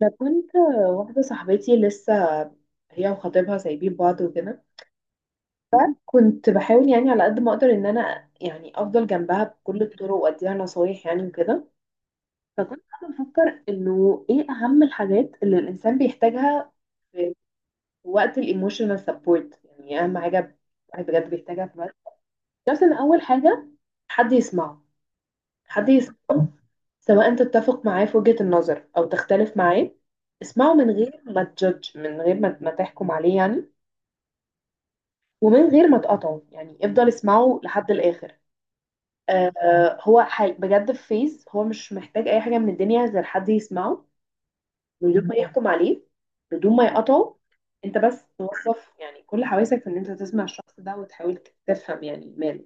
ده كنت واحدة صاحبتي لسه هي وخطيبها سايبين بعض وكده. كنت بحاول يعني على قد ما اقدر ان انا يعني افضل جنبها بكل الطرق واديها نصايح يعني وكده. فكنت قاعدة بفكر انه ايه اهم الحاجات اللي الانسان بيحتاجها في وقت الايموشنال سبورت، يعني اهم حاجة الواحد بجد بيحتاجها في الوقت، بس ان اول حاجة حد يسمعه، حد يسمعه، سواء تتفق معاه في وجهة النظر أو تختلف معاه. اسمعه من غير ما تجدج، من غير ما تحكم عليه يعني، ومن غير ما تقطعه، يعني افضل اسمعه لحد الآخر. آه، هو بجد في فيز هو مش محتاج أي حاجة من الدنيا غير حد يسمعه، من غير ما يحكم عليه، بدون ما يقطعه. انت بس توظف يعني كل حواسك في ان انت تسمع الشخص ده وتحاول تفهم يعني ماله.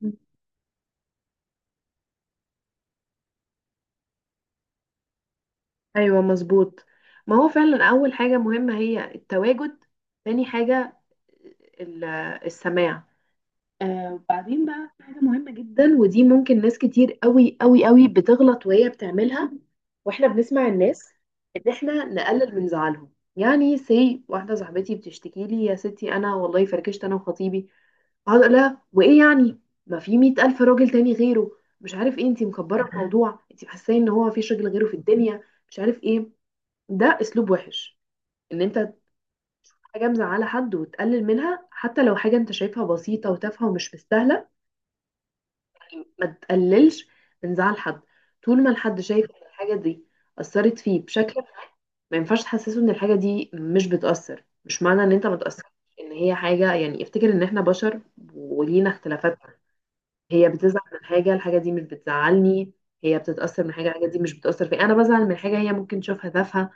مم. ايوه مظبوط، ما هو فعلا اول حاجه مهمه هي التواجد، تاني حاجه ال- السماع. آه وبعدين بقى في حاجه مهمه جدا، ودي ممكن ناس كتير قوي قوي قوي بتغلط وهي بتعملها واحنا بنسمع الناس، ان احنا نقلل من زعلهم. يعني سي واحده صاحبتي بتشتكي لي يا ستي انا والله فركشت انا وخطيبي، اقعد اقول لها وايه يعني، ما في 100 ألف راجل تاني غيره، مش عارف ايه، انتي مكبره الموضوع، انتي حاسه ان هو مفيش راجل غيره في الدنيا، مش عارف ايه. ده اسلوب وحش، ان انت حاجه مزعله حد وتقلل منها حتى لو حاجه انت شايفها بسيطه وتافهه ومش مستاهله. ما تقللش من زعل حد طول ما الحد شايف ان الحاجه دي اثرت فيه بشكل ما. ما ينفعش تحسسه ان الحاجه دي مش بتاثر، مش معنى ان انت ما تاثرش ان هي حاجه. يعني افتكر ان احنا بشر ولينا اختلافات. هي بتزعل من حاجه الحاجه دي مش بتزعلني، هي بتتاثر من حاجه الحاجه دي مش بتاثر فيا، انا بزعل من حاجه هي ممكن تشوفها تافهه.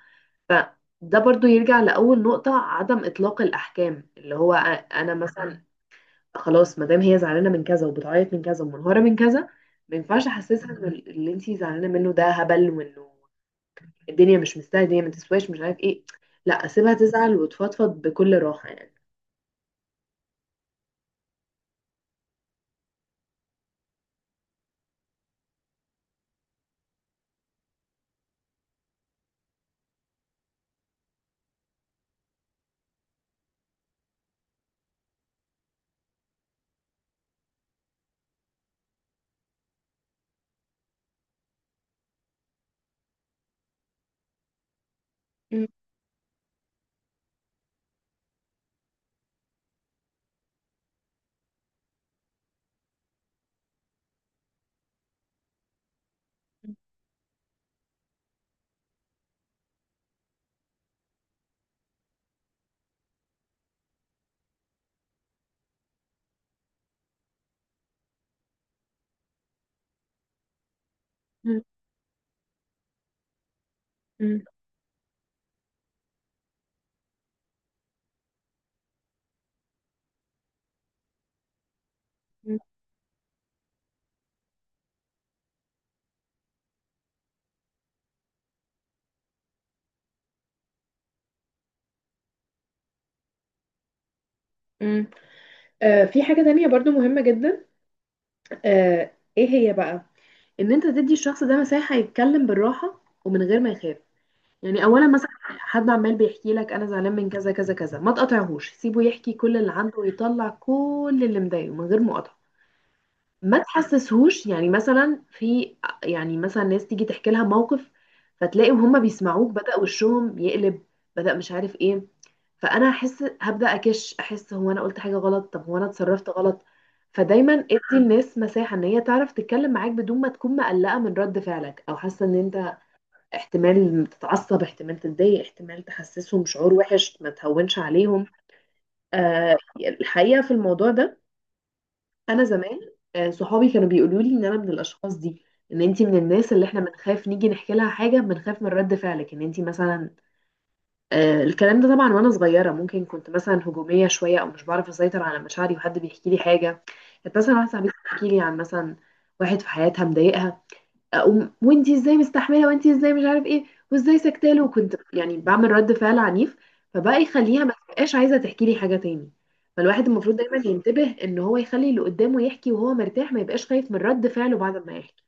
فده برضو يرجع لأول نقطة عدم إطلاق الأحكام، اللي هو أنا مثلا خلاص ما دام هي زعلانة من كذا وبتعيط من كذا ومنهارة من كذا، ما ينفعش أحسسها إن اللي أنتي زعلانة منه ده هبل، وإنه الدنيا مش مستاهلة، الدنيا ما تسواش، مش عارف إيه. لا، أسيبها تزعل وتفضفض بكل راحة يعني. مم. مم. مم. مم. آه، في حاجة تانية برضو مهمة جدا. آه، ايه هي بقى؟ إن أنت تدي الشخص ده مساحة يتكلم بالراحة ومن غير ما يخاف. يعني اولا مثلا حد عمال بيحكي لك انا زعلان من كذا كذا كذا، ما تقاطعهوش، سيبه يحكي كل اللي عنده ويطلع كل اللي مضايقه من غير مقاطعه. ما تحسسهوش يعني مثلا في، يعني مثلا ناس تيجي تحكي لها موقف فتلاقيهم هم بيسمعوك بدأ وشهم يقلب، بدأ مش عارف ايه، فانا احس هبدأ اكش، احس هو انا قلت حاجه غلط، طب هو انا اتصرفت غلط. فدايما ادي الناس مساحه ان هي تعرف تتكلم معاك بدون ما تكون مقلقه من رد فعلك، او حاسه ان انت احتمال تتعصب، احتمال تتضايق، احتمال تحسسهم شعور وحش. ما تهونش عليهم. آه، الحقيقة في الموضوع ده انا زمان، آه، صحابي كانوا بيقولوا لي ان انا من الاشخاص دي، ان انتي من الناس اللي احنا بنخاف نيجي نحكي لها حاجة، بنخاف من رد فعلك ان انتي مثلا. آه، الكلام ده طبعا وانا صغيرة ممكن كنت مثلا هجومية شوية، او مش بعرف اسيطر على مشاعري وحد بيحكي لي حاجة. كانت مثلا واحدة صاحبتي بتحكي لي عن مثلا واحد في حياتها مضايقها، أقوم وانتي ازاي مستحمله، وانتي ازاي مش عارف ايه، وازاي سكتاله. وكنت يعني بعمل رد فعل عنيف، فبقى يخليها ما تبقاش عايزه تحكي لي حاجه تاني. فالواحد المفروض دايما ينتبه ان هو يخلي اللي قدامه يحكي وهو مرتاح، ما يبقاش خايف من رد فعله بعد ما يحكي.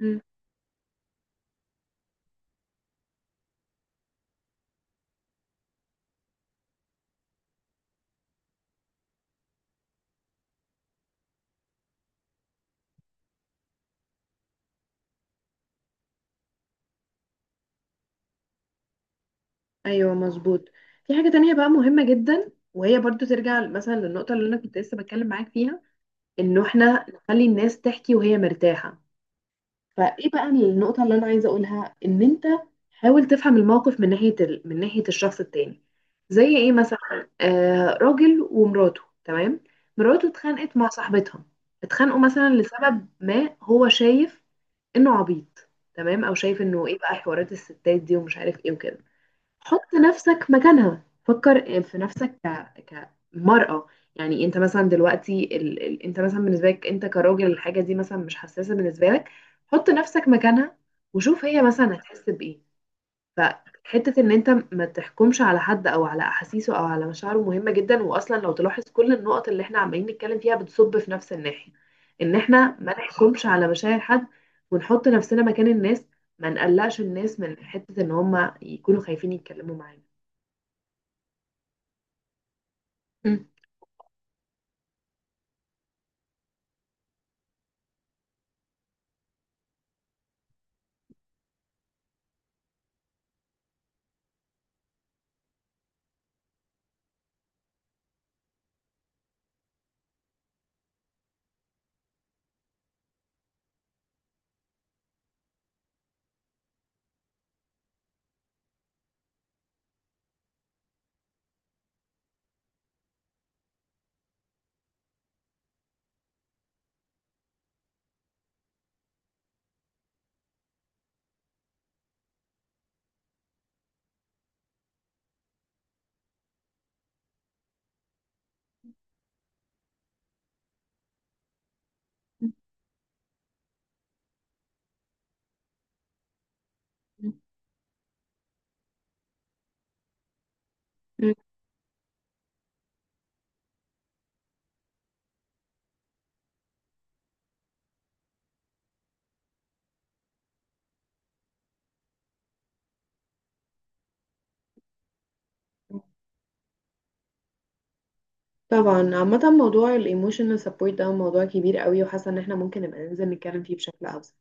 مم. ايوه مظبوط. في حاجه تانية بقى مهمه جدا، وهي برضو ترجع مثلا للنقطه اللي انا كنت لسه بتكلم معاك فيها، انه احنا نخلي الناس تحكي وهي مرتاحه. فايه بقى النقطة اللي انا عايزة اقولها؟ ان انت حاول تفهم الموقف من ناحية من ناحية الشخص التاني. زي ايه مثلا؟ آه، راجل ومراته تمام، مراته اتخانقت مع صاحبتها، اتخانقوا مثلا لسبب ما، هو شايف انه عبيط تمام، او شايف انه ايه بقى حوارات الستات دي ومش عارف ايه وكده. حط نفسك مكانها، فكر في نفسك كمرأة. يعني انت مثلا دلوقتي انت مثلا بالنسبة لك انت كراجل الحاجة دي مثلا مش حساسة بالنسبة لك، حط نفسك مكانها وشوف هي مثلا هتحس بإيه. فحتة ان انت ما تحكمش على حد او على احاسيسه او على مشاعره مهمة جدا. واصلا لو تلاحظ كل النقط اللي احنا عمالين نتكلم فيها بتصب في نفس الناحية، ان احنا ما نحكمش على مشاعر حد ونحط نفسنا مكان الناس، ما نقلقش الناس من حتة ان هم يكونوا خايفين يتكلموا معانا. مم. مم. طبعا عامة موضوع الايموشنال سبورت ده موضوع كبير قوي، وحاسة ان احنا ممكن نبقى ننزل نتكلم فيه بشكل اوسع.